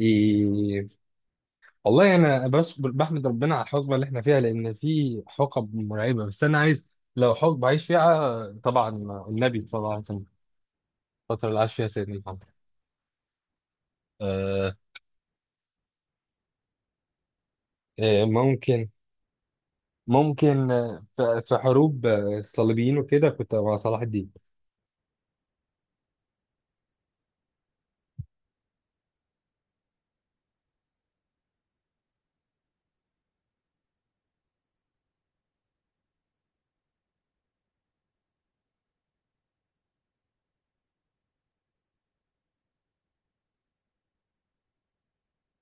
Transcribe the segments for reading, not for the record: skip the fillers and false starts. إيه. والله يعني انا بس بحمد ربنا على الحقبه اللي احنا فيها، لان في حقب مرعبه، بس انا عايز لو حقبه عايش فيها طبعا، النبي صلى الله عليه وسلم، الفتره اللي عاش فيها سيدنا محمد. آه. آه، ممكن. ممكن، آه، في حروب، الصليبيين وكده، كنت مع صلاح الدين.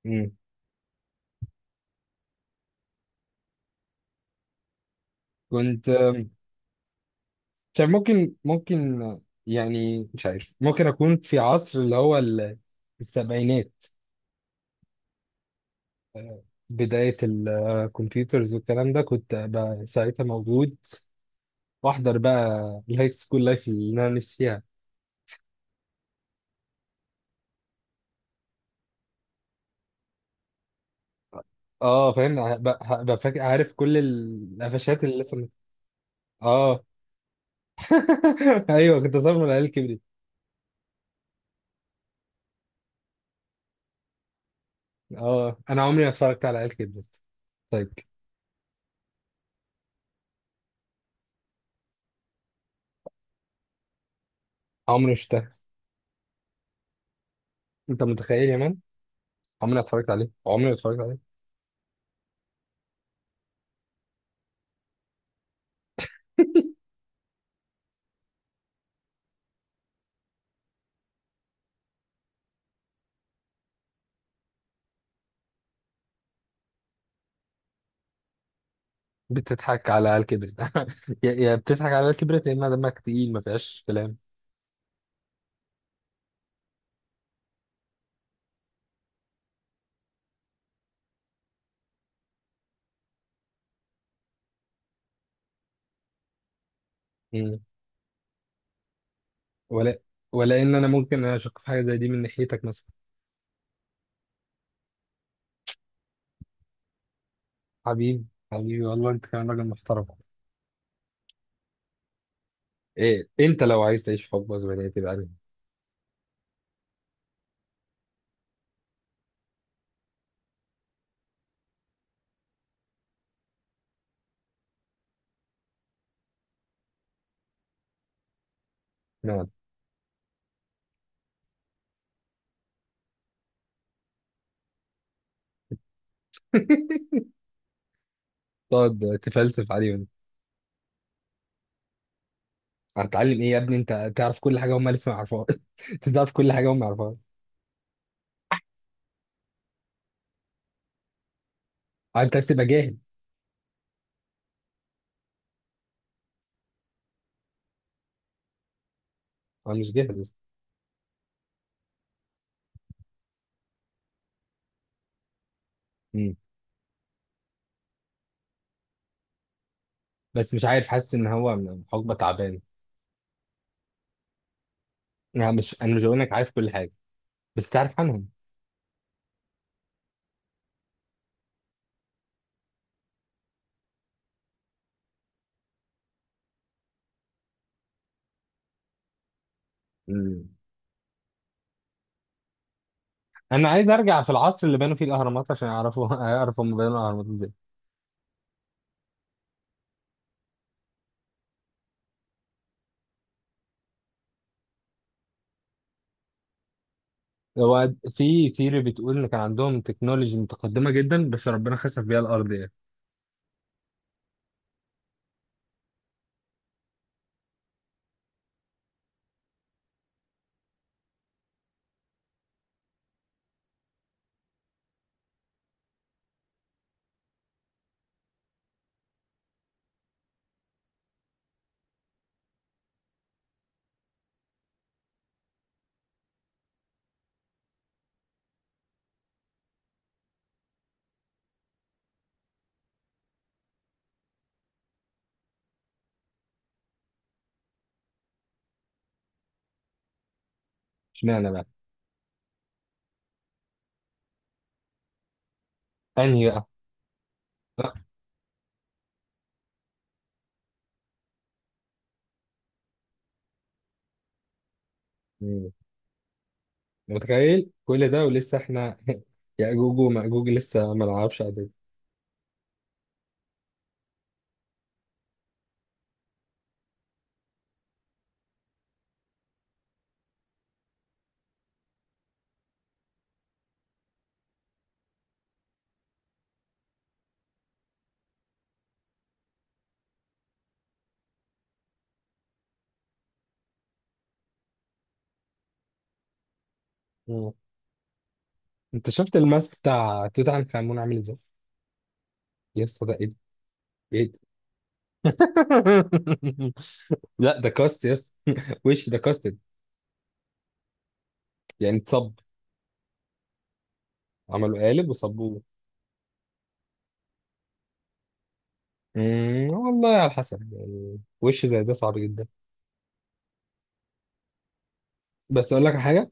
مم. كنت، مش عارف. ممكن، يعني مش عارف، ممكن اكون في عصر اللي هو السبعينات، بداية الكمبيوترز والكلام ده، كنت أبقى ساعتها موجود، وأحضر بقى الهاي سكول لايف اللي أنا نفسي فيها. أه، فاهم، هبقى فاكر، عارف كل القفشات اللي لسه. أه. أيوه، كنت صار من العيال كبرت. أه، أنا عمري ما اتفرجت على عيال كبرت. طيب. عمري ما شفتها. أنت متخيل يا مان؟ عمري ما اتفرجت عليه، عمري ما اتفرجت عليه. بتضحك على عيال كبرت. يا بتضحك على عيال كبرت، يا إما دمك تقيل، ما فيهاش كلام. ولا ولا ان انا ممكن اشك في حاجه زي دي من ناحيتك مثلا. حبيبي، حبيبي، والله انت كمان راجل محترم. ايه؟ انت لو عايز تعيش حب اسبانيه تبقى انهي؟ نعم. تقعد تفلسف عليهم؟ هتتعلم ايه يا ابني؟ انت تعرف كل حاجه هم لسه ما يعرفوها. انت تعرف كل حاجه هم ما يعرفوها. آه، انت عايز تبقى جاهل. انا مش جاهل لسه. مم. بس مش عارف، حاسس ان هو حقبه تعبان. انا مش بقول انك عارف كل حاجه، بس تعرف عنهم. مم. انا عايز ارجع في العصر اللي بنوا فيه الاهرامات عشان اعرف هم بنوا الاهرامات. هو في ثيري بتقول ان كان عندهم تكنولوجي متقدمه جدا، بس ربنا خسف بيها الارض يعني. اشمعنى بقى؟ انهي بقى؟ لا. مم. متخيل كل ده ولسه احنا. ياجوج وماجوج لسه ما نعرفش عدد. مم. انت شفت الماسك بتاع توت عنخ امون عامل ازاي؟ يا اسطى، ده ايه ده؟ ايه ده؟ لا، ده كاست يس. وش ده كاستد، يعني اتصب، عملوا قالب وصبوه. مم، والله على حسب يعني، وش زي ده صعب جدا. بس اقول لك على حاجه،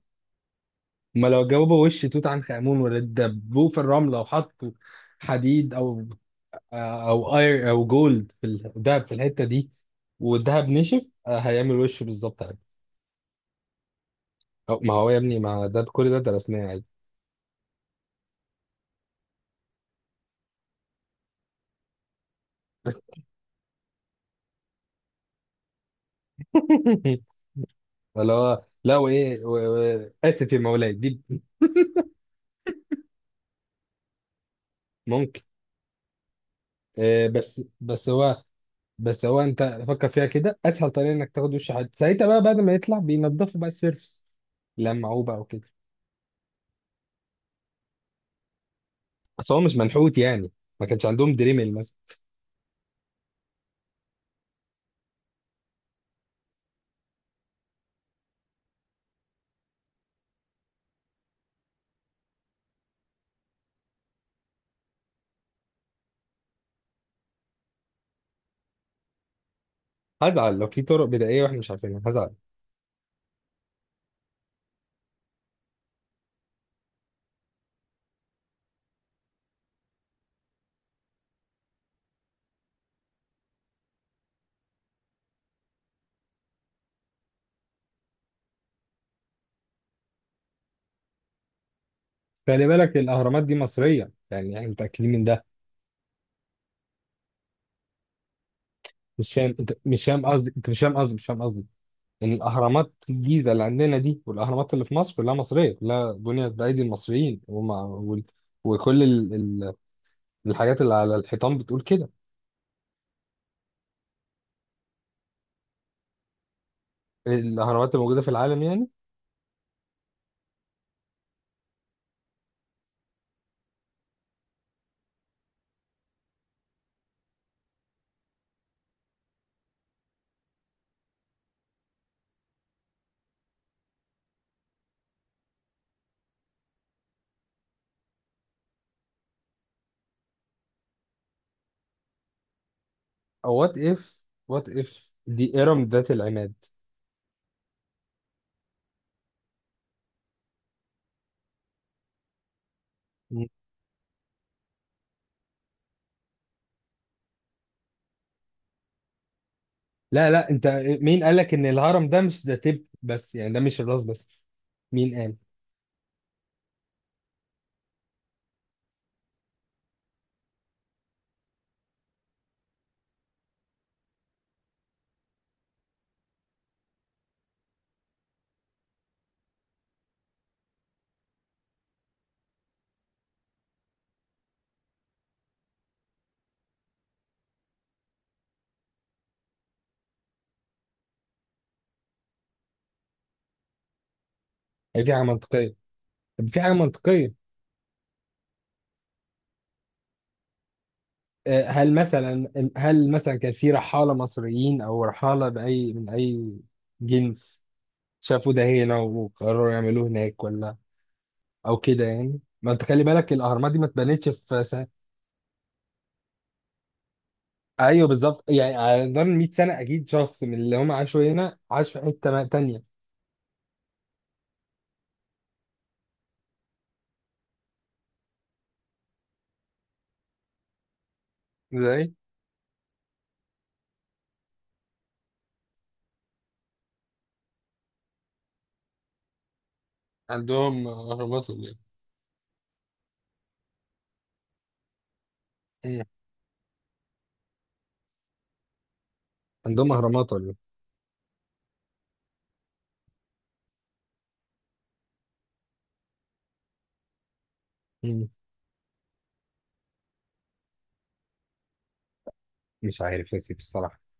ما لو جاوبوا وش توت عنخ آمون ولا دبوه في الرملة، وحطوا حديد أو اير أو جولد، في الدهب في الحتة دي، والدهب نشف، هيعمل وشه بالظبط عادي. أو ما هو يا ابني، ما ده كل ده درسناه عادي. اللي هو، لا وإيه، آسف يا مولاي دي. ممكن، آه، بس بس هو بس هو أنت فكر فيها كده، أسهل طريقة إنك تاخد وش حد ساعتها بقى بعد ما يطلع، بينضفوا بقى السيرفس، لمعوه بقى وكده. بس هو مش منحوت يعني، ما كانش عندهم دريمل مثلا. هزعل لو في طرق بدائية واحنا مش عارفينها، هزعل. بس خلي بالك الأهرامات دي مصرية، يعني احنا متأكدين من ده. مش فاهم، انت مش فاهم قصدي، انت مش فاهم قصدي، مش فاهم قصدي ان الأهرامات الجيزة اللي عندنا دي والأهرامات اللي في مصر كلها مصرية، كلها بنيت بأيدي المصريين وكل الحاجات اللي على الحيطان بتقول كده. الأهرامات الموجودة في العالم يعني. أو وات إف، وات إف دي إرم ذات العماد. لا، لا، انت، مين قالك ان الهرم ده مش ده تب بس يعني ده مش الراس بس؟ مين قال؟ هي في حاجة منطقية، طب في حاجة منطقية. آه، هل مثلا كان في رحالة مصريين أو رحالة بأي من أي جنس شافوا ده هنا وقرروا يعملوه هناك، ولا أو كده يعني؟ ما أنت خلي بالك الأهرامات دي ما اتبنتش في سنة. أيوه بالظبط، يعني على مدار 100 سنة أكيد شخص من اللي هم عاشوا هنا عاش في حتة تانية. ازاي؟ عندهم اهرامات ولا ايه؟ مم. عندهم أهرامات ولا إيه؟ مم. مش عارف يا سيدي الصراحة.